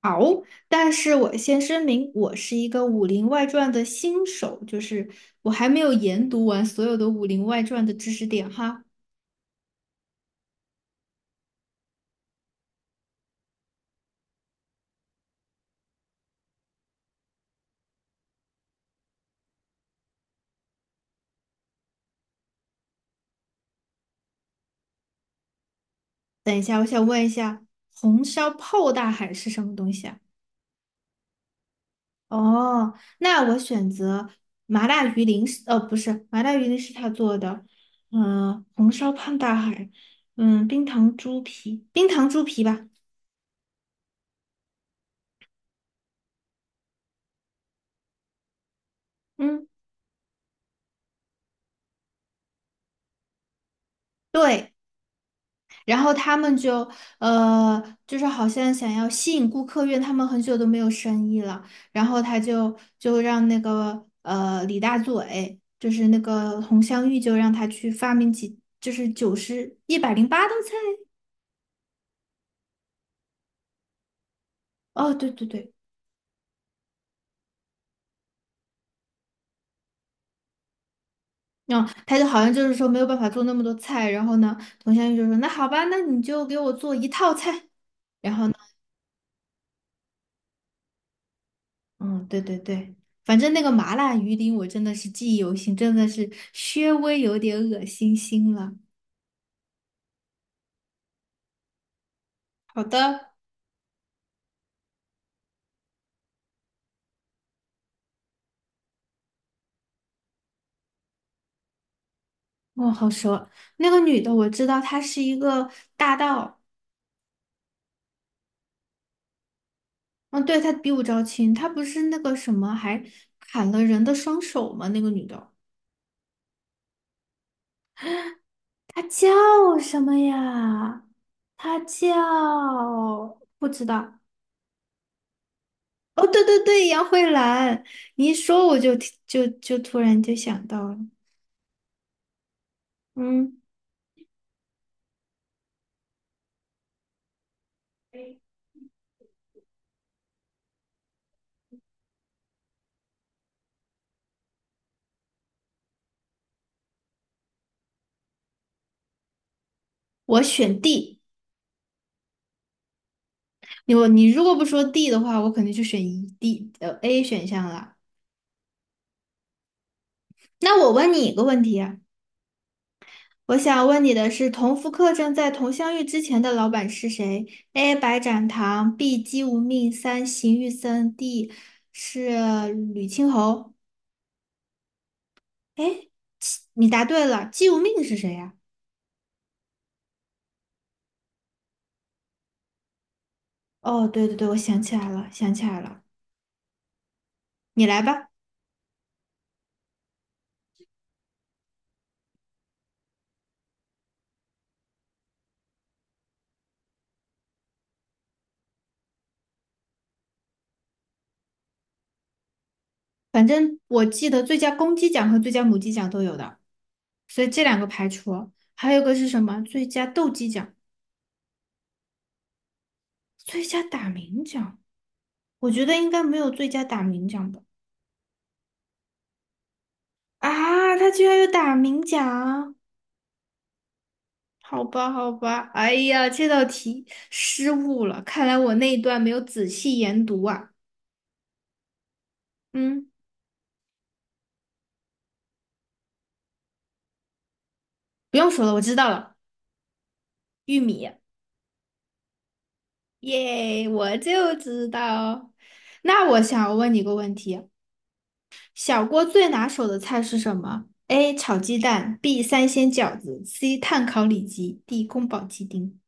好，但是我先声明，我是一个《武林外传》的新手，就是我还没有研读完所有的《武林外传》的知识点哈。等红烧泡大海是什么东西啊？哦，那我选择麻辣鱼鳞是不是，麻辣鱼鳞是他做的，嗯、红烧胖大海，嗯，冰糖猪皮，冰糖猪皮吧，嗯，对。然后他们就呃，就是好像想要吸引顾客，因为他们很久都没有生意了。然后他就让那个李大嘴，就是那个佟湘玉，就让他去发明几，就是九十108道菜。哦，对对对，嗯，他就好像就是说没有办法做那么多菜。然后呢，佟湘玉就说：“那好吧，那你就给我做一套菜。”然后呢，嗯，对对对。反正那个麻辣鱼丁我真的是记忆犹新，真的是稍微有点恶心了。好的，哦，好熟。那个女的我知道，她是一个大盗。嗯，对，她比武招亲，她不是那个什么，还砍了人的双手吗？那个女的，她叫什么呀？她叫不知道。哦，对对对，杨慧兰。你一说我就突然就想到了。嗯，我选 D。你我你如果不说 D 的话，我肯定就选A 选项了。那我问你一个问题啊。我想问你的是，同福客栈在同乡遇之前的老板是谁？A. 白展堂，B. 姬无命，三邢玉森，D. 是吕青侯。哎，你答对了，姬无命是谁呀？哦，对对对，我想起来了，想起来了，你来吧。反正我记得最佳公鸡奖和最佳母鸡奖都有的，所以这两个排除。还有一个是什么？最佳斗鸡奖、最佳打鸣奖，我觉得应该没有最佳打鸣奖吧。啊，他居然有打鸣奖！好吧，好吧，哎呀，这道题失误了，看来我那一段没有仔细研读啊。嗯，不用说了，我知道了，玉米，耶，我就知道。那我想问你个问题：小郭最拿手的菜是什么？A. 炒鸡蛋，B. 三鲜饺子，C. 炭烤里脊，D. 宫保鸡丁。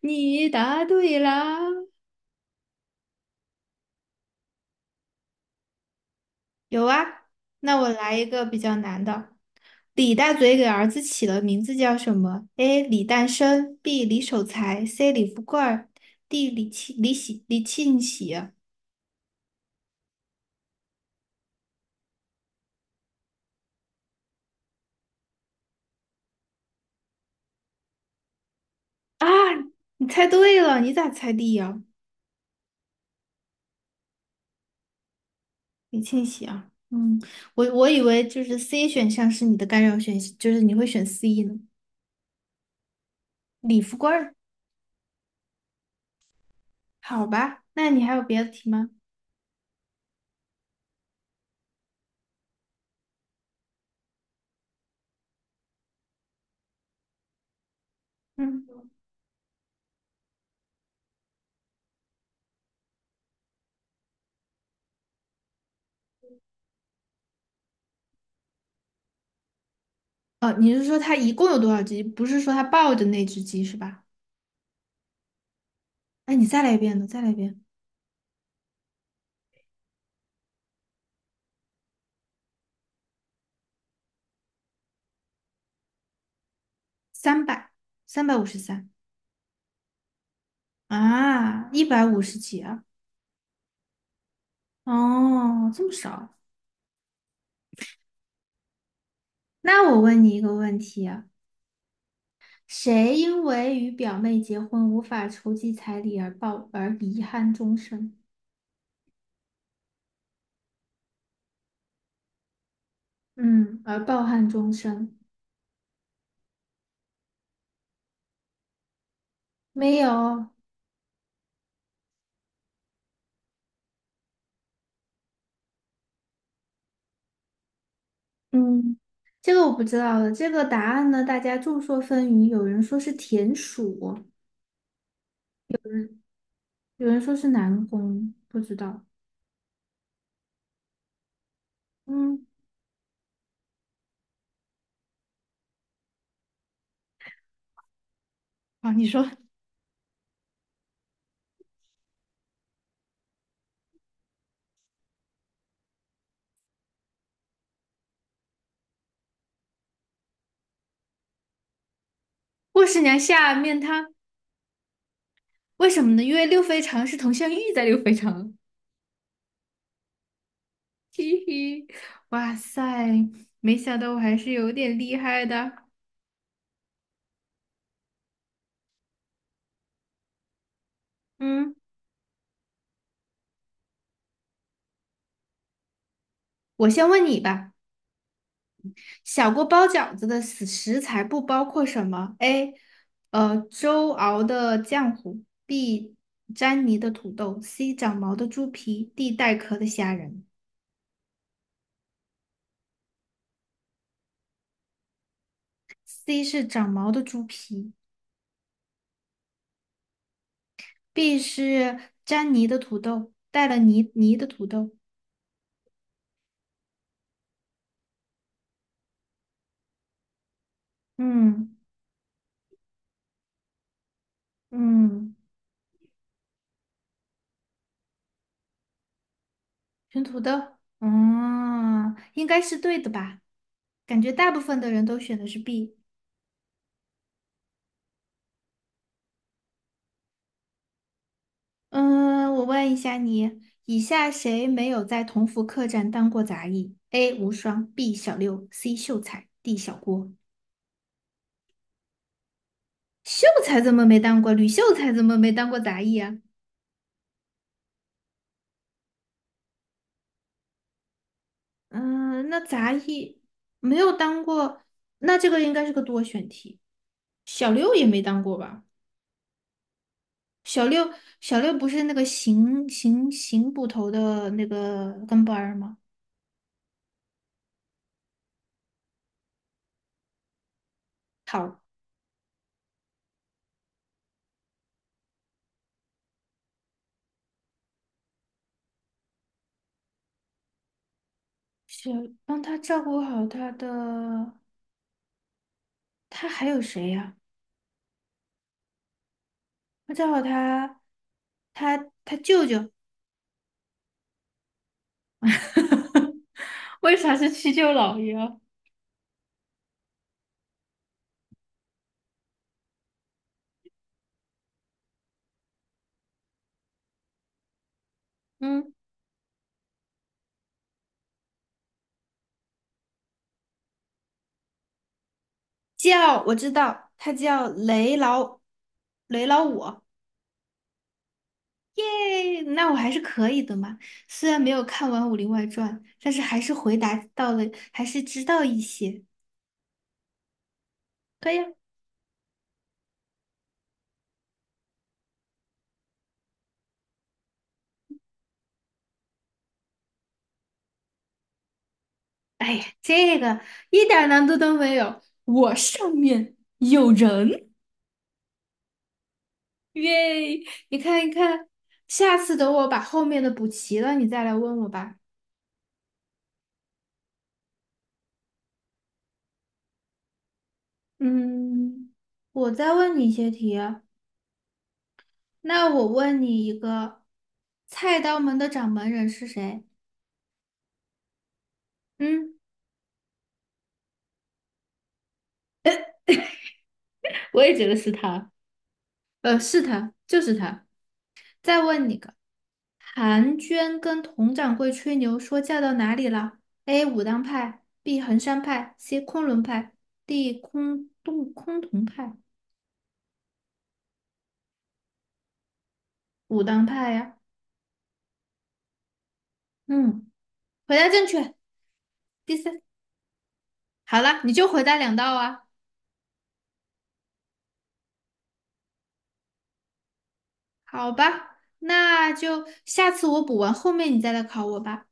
你答对啦！有啊，那我来一个比较难的。李大嘴给儿子起了名字叫什么？A. 李诞生，B. 李守财，C. 李富贵儿，D. 李庆李喜李庆喜啊。啊，你猜对了，你咋猜 D 呀？李庆喜啊，嗯，我以为就是 C 选项是你的干扰选项，就是你会选 C 呢。李富贵儿，好吧，那你还有别的题吗？嗯，哦，你是说他一共有多少只鸡？不是说他抱的那只鸡是吧？哎，你再来一遍呢，再来一遍，三百，353。啊，一百五十几啊？哦，这么少啊。那我问你一个问题啊，谁因为与表妹结婚无法筹集彩礼而抱而遗憾终生？嗯，而抱憾终生？没有，嗯，这个我不知道了。这个答案呢，大家众说纷纭，有人说是田鼠，嗯，有人说是南宫，不知道。嗯，啊，你说，霍十娘下面她为什么呢？因为六非常是佟湘玉在六非常。嘿嘿，哇塞，没想到我还是有点厉害的。嗯，我先问你吧，小锅包饺子的食材不包括什么？A，粥熬的浆糊；B，沾泥的土豆；C，长毛的猪皮；D，带壳的虾仁。C 是长毛的猪皮，B 是粘泥的土豆，带了泥的土豆。嗯嗯。选土豆，嗯，应该是对的吧？感觉大部分的人都选的是 B。嗯，我问一下你，以下谁没有在同福客栈当过杂役？A. 无双，B. 小六，C. 秀才，D. 小郭。秀才怎么没当过？吕秀才怎么没当过杂役啊？嗯，那杂役没有当过，那这个应该是个多选题。小六也没当过吧？小六，小六不是那个邢捕头的那个跟班儿吗？好，小帮他照顾好他的，他还有谁呀？他照顾他，他他舅舅，为啥是七舅姥爷啊？嗯，叫我知道，他叫雷老五，耶，那我还是可以的嘛。虽然没有看完《武林外传》，但是还是回答到了，还是知道一些。可以啊哎呀，这个一点儿难度都没有，我上面有人，耶！你看一看，下次等我把后面的补齐了，你再来问我吧。嗯，我再问你一些题啊那我问你一个，菜刀门的掌门人是谁？嗯，我也觉得是他。呃，是他，就是他。再问你个，韩娟跟佟掌柜吹牛说嫁到哪里了？A. 武当派，B. 衡山派，C. 昆仑派，D. 空洞崆峒派。武当派呀？嗯，回答正确，第三。好了，你就回答2道啊，好吧，那就下次我补完，后面你再来考我吧。